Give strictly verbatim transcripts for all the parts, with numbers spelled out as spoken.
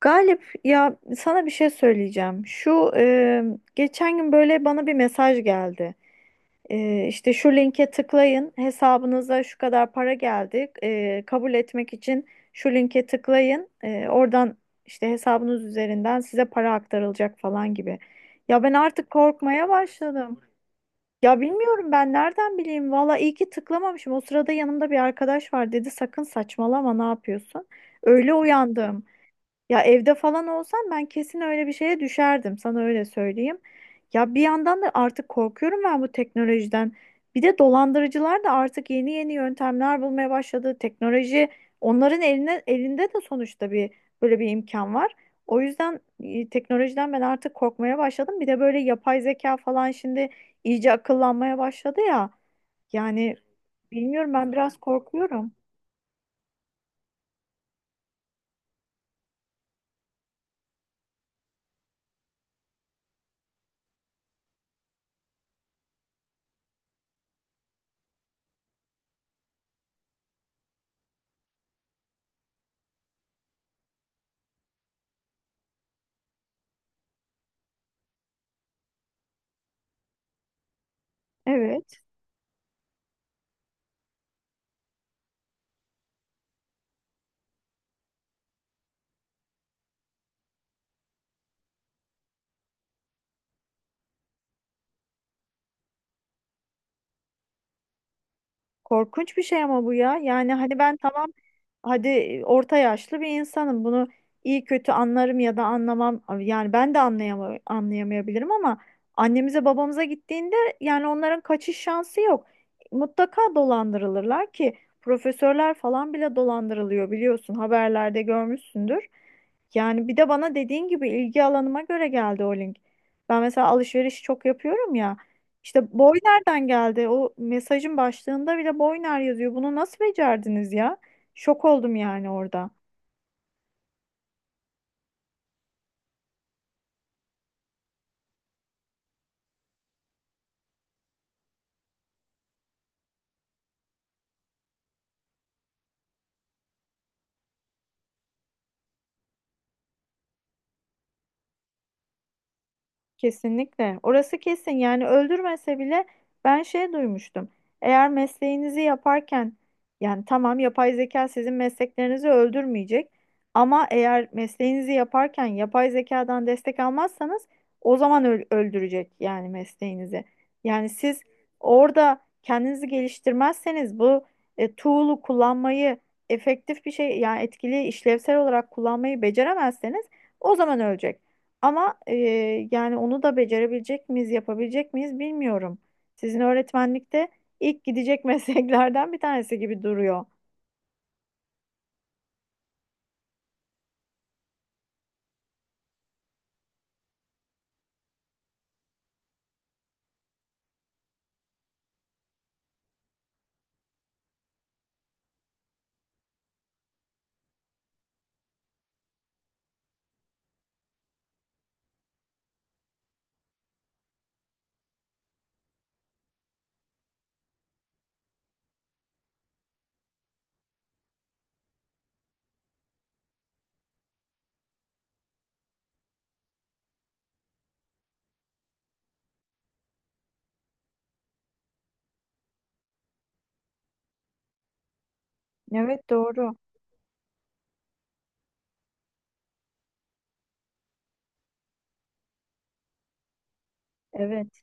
Galip, ya sana bir şey söyleyeceğim. Şu e, geçen gün böyle bana bir mesaj geldi. E, işte şu linke tıklayın, hesabınıza şu kadar para geldi. E, kabul etmek için şu linke tıklayın. E, oradan işte hesabınız üzerinden size para aktarılacak falan gibi. Ya ben artık korkmaya başladım. Ya bilmiyorum, ben nereden bileyim. Valla iyi ki tıklamamışım. O sırada yanımda bir arkadaş var, dedi sakın saçmalama, ne yapıyorsun? Öyle uyandım. Ya evde falan olsam ben kesin öyle bir şeye düşerdim. Sana öyle söyleyeyim. Ya bir yandan da artık korkuyorum ben bu teknolojiden. Bir de dolandırıcılar da artık yeni yeni yöntemler bulmaya başladı. Teknoloji onların eline, elinde de sonuçta bir böyle bir imkan var. O yüzden e, teknolojiden ben artık korkmaya başladım. Bir de böyle yapay zeka falan şimdi iyice akıllanmaya başladı ya. Yani bilmiyorum, ben biraz korkuyorum. Evet. Korkunç bir şey ama bu ya. Yani hani ben tamam, hadi e, orta yaşlı bir insanım. Bunu iyi kötü anlarım ya da anlamam. Yani ben de anlayama, anlayamayabilirim ama annemize babamıza gittiğinde yani onların kaçış şansı yok. Mutlaka dolandırılırlar ki profesörler falan bile dolandırılıyor, biliyorsun, haberlerde görmüşsündür. Yani bir de bana dediğin gibi ilgi alanıma göre geldi o link. Ben mesela alışveriş çok yapıyorum ya. İşte boy nereden geldi? O mesajın başlığında bile boy ner yazıyor. Bunu nasıl becerdiniz ya? Şok oldum yani orada. Kesinlikle. Orası kesin. Yani öldürmese bile ben şey duymuştum. Eğer mesleğinizi yaparken, yani tamam, yapay zeka sizin mesleklerinizi öldürmeyecek ama eğer mesleğinizi yaparken yapay zekadan destek almazsanız o zaman öl- öldürecek yani mesleğinizi. Yani siz orada kendinizi geliştirmezseniz bu e, tool'u kullanmayı, efektif bir şey yani etkili, işlevsel olarak kullanmayı beceremezseniz o zaman ölecek. Ama eee, yani onu da becerebilecek miyiz, yapabilecek miyiz bilmiyorum. Sizin öğretmenlikte ilk gidecek mesleklerden bir tanesi gibi duruyor. Evet, doğru. Evet,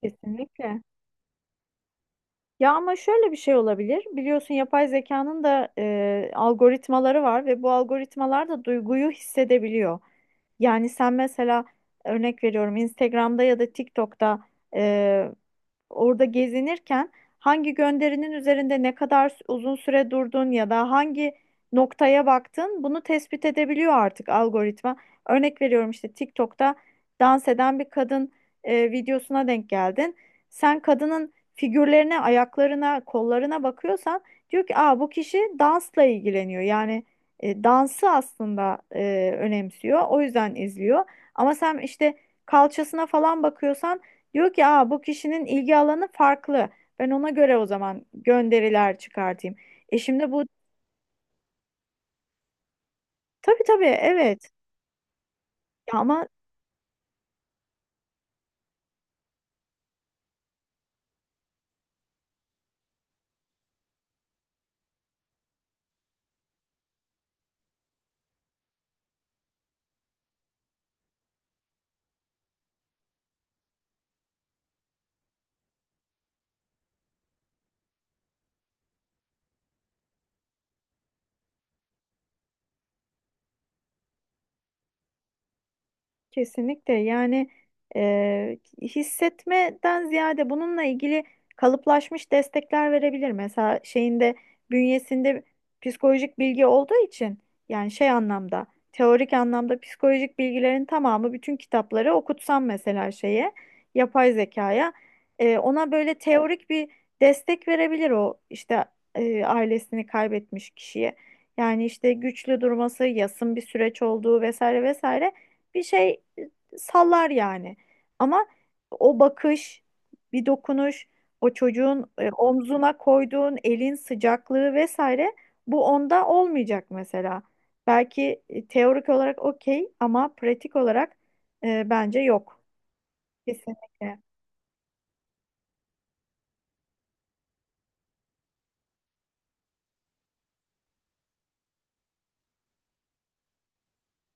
kesinlikle. Ya ama şöyle bir şey olabilir. Biliyorsun yapay zekanın da e, algoritmaları var ve bu algoritmalar da duyguyu hissedebiliyor. Yani sen mesela, örnek veriyorum, Instagram'da ya da TikTok'ta e, orada gezinirken hangi gönderinin üzerinde ne kadar s- uzun süre durdun ya da hangi noktaya baktın, bunu tespit edebiliyor artık algoritma. Örnek veriyorum, işte TikTok'ta dans eden bir kadın e, videosuna denk geldin. Sen kadının figürlerine, ayaklarına, kollarına bakıyorsan diyor ki aa, bu kişi dansla ilgileniyor. Yani e, dansı aslında e, önemsiyor. O yüzden izliyor. Ama sen işte kalçasına falan bakıyorsan diyor ki aa, bu kişinin ilgi alanı farklı. Ben ona göre o zaman gönderiler çıkartayım. E şimdi bu, tabii tabii, evet. Ya ama. Kesinlikle yani, e, hissetmeden ziyade bununla ilgili kalıplaşmış destekler verebilir. Mesela şeyinde, bünyesinde psikolojik bilgi olduğu için, yani şey anlamda, teorik anlamda psikolojik bilgilerin tamamı, bütün kitapları okutsam mesela şeye, yapay zekaya, e, ona böyle teorik bir destek verebilir o, işte e, ailesini kaybetmiş kişiye. Yani işte güçlü durması, yasın bir süreç olduğu vesaire vesaire bir şey e, sallar yani. Ama o bakış, bir dokunuş, o çocuğun e, omzuna koyduğun elin sıcaklığı vesaire, bu onda olmayacak mesela. Belki e, teorik olarak okey ama pratik olarak e, bence yok. Kesinlikle.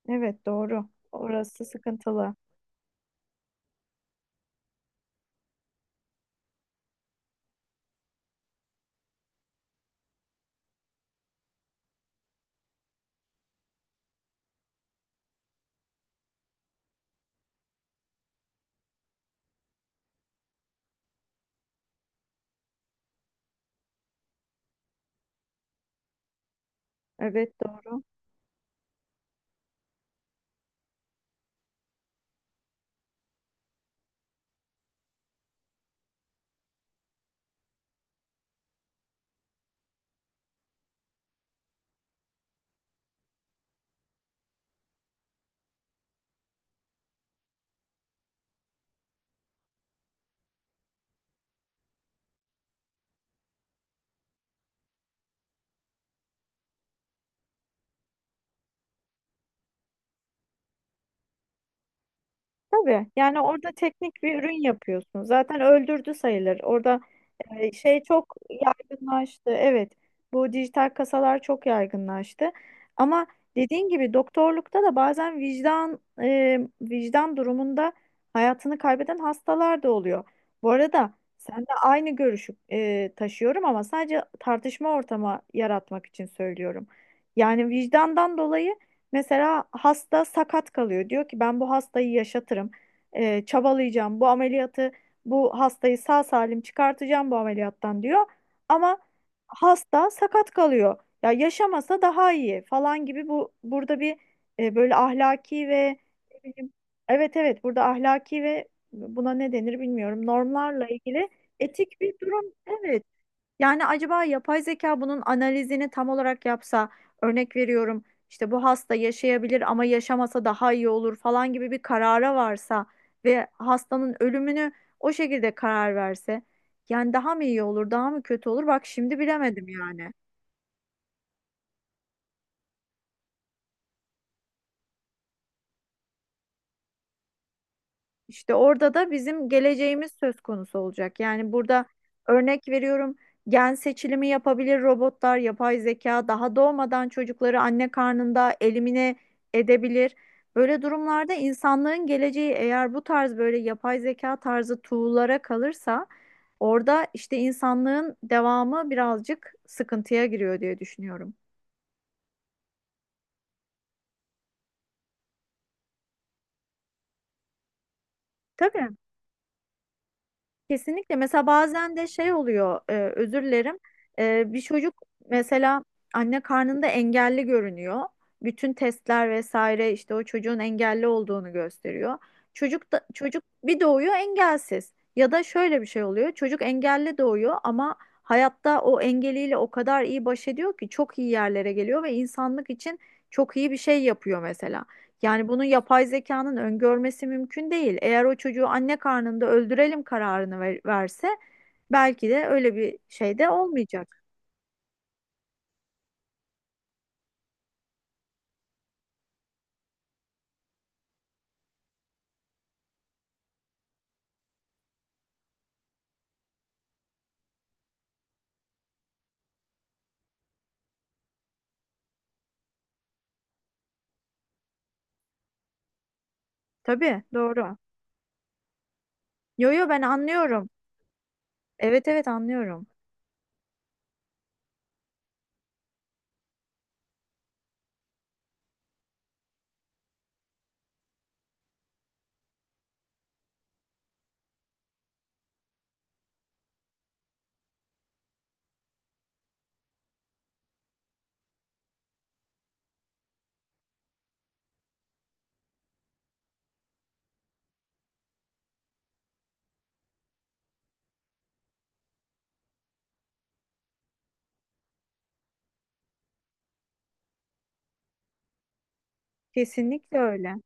Evet, doğru. Orası sıkıntılı. Evet, doğru. Tabii yani orada teknik bir ürün yapıyorsun. Zaten öldürdü sayılır. Orada e, şey çok yaygınlaştı. Evet, bu dijital kasalar çok yaygınlaştı. Ama dediğin gibi doktorlukta da bazen vicdan e, vicdan durumunda hayatını kaybeden hastalar da oluyor. Bu arada sen de aynı görüşü e, taşıyorum ama sadece tartışma ortamı yaratmak için söylüyorum. Yani vicdandan dolayı. Mesela hasta sakat kalıyor. Diyor ki ben bu hastayı yaşatırım. Ee, çabalayacağım. Bu ameliyatı, bu hastayı sağ salim çıkartacağım bu ameliyattan diyor. Ama hasta sakat kalıyor. Ya yaşamasa daha iyi falan gibi, bu burada bir e, böyle ahlaki ve, ne bileyim, evet evet, burada ahlaki ve, buna ne denir bilmiyorum, normlarla ilgili etik bir durum, evet. Yani acaba yapay zeka bunun analizini tam olarak yapsa, örnek veriyorum, işte bu hasta yaşayabilir ama yaşamasa daha iyi olur falan gibi bir karara varsa ve hastanın ölümünü o şekilde karar verse, yani daha mı iyi olur, daha mı kötü olur? Bak şimdi bilemedim yani. İşte orada da bizim geleceğimiz söz konusu olacak. Yani burada, örnek veriyorum, gen seçilimi yapabilir robotlar, yapay zeka daha doğmadan çocukları anne karnında elimine edebilir. Böyle durumlarda insanlığın geleceği, eğer bu tarz böyle yapay zeka tarzı tool'lara kalırsa, orada işte insanlığın devamı birazcık sıkıntıya giriyor diye düşünüyorum. Tabii. Kesinlikle. Mesela bazen de şey oluyor, e, özür dilerim. E, bir çocuk mesela anne karnında engelli görünüyor. Bütün testler vesaire işte o çocuğun engelli olduğunu gösteriyor. Çocuk da çocuk bir doğuyor engelsiz. Ya da şöyle bir şey oluyor. Çocuk engelli doğuyor ama hayatta o engeliyle o kadar iyi baş ediyor ki çok iyi yerlere geliyor ve insanlık için çok iyi bir şey yapıyor mesela. Yani bunu yapay zekanın öngörmesi mümkün değil. Eğer o çocuğu anne karnında öldürelim kararını ver- verse, belki de öyle bir şey de olmayacak. Tabii, doğru. Yo yo, ben anlıyorum. Evet evet, anlıyorum. Kesinlikle öyle.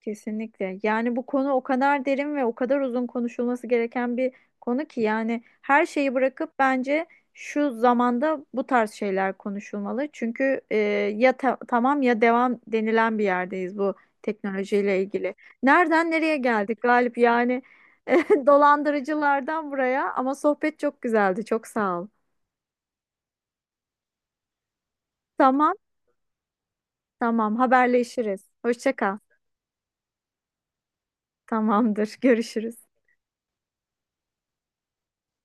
Kesinlikle. Yani bu konu o kadar derin ve o kadar uzun konuşulması gereken bir konu ki, yani her şeyi bırakıp bence şu zamanda bu tarz şeyler konuşulmalı. Çünkü e, ya ta- tamam ya devam denilen bir yerdeyiz bu teknolojiyle ilgili. Nereden nereye geldik Galip? Yani e, dolandırıcılardan buraya, ama sohbet çok güzeldi. Çok sağ ol. Tamam, tamam, haberleşiriz. Hoşça kal. Tamamdır. Görüşürüz.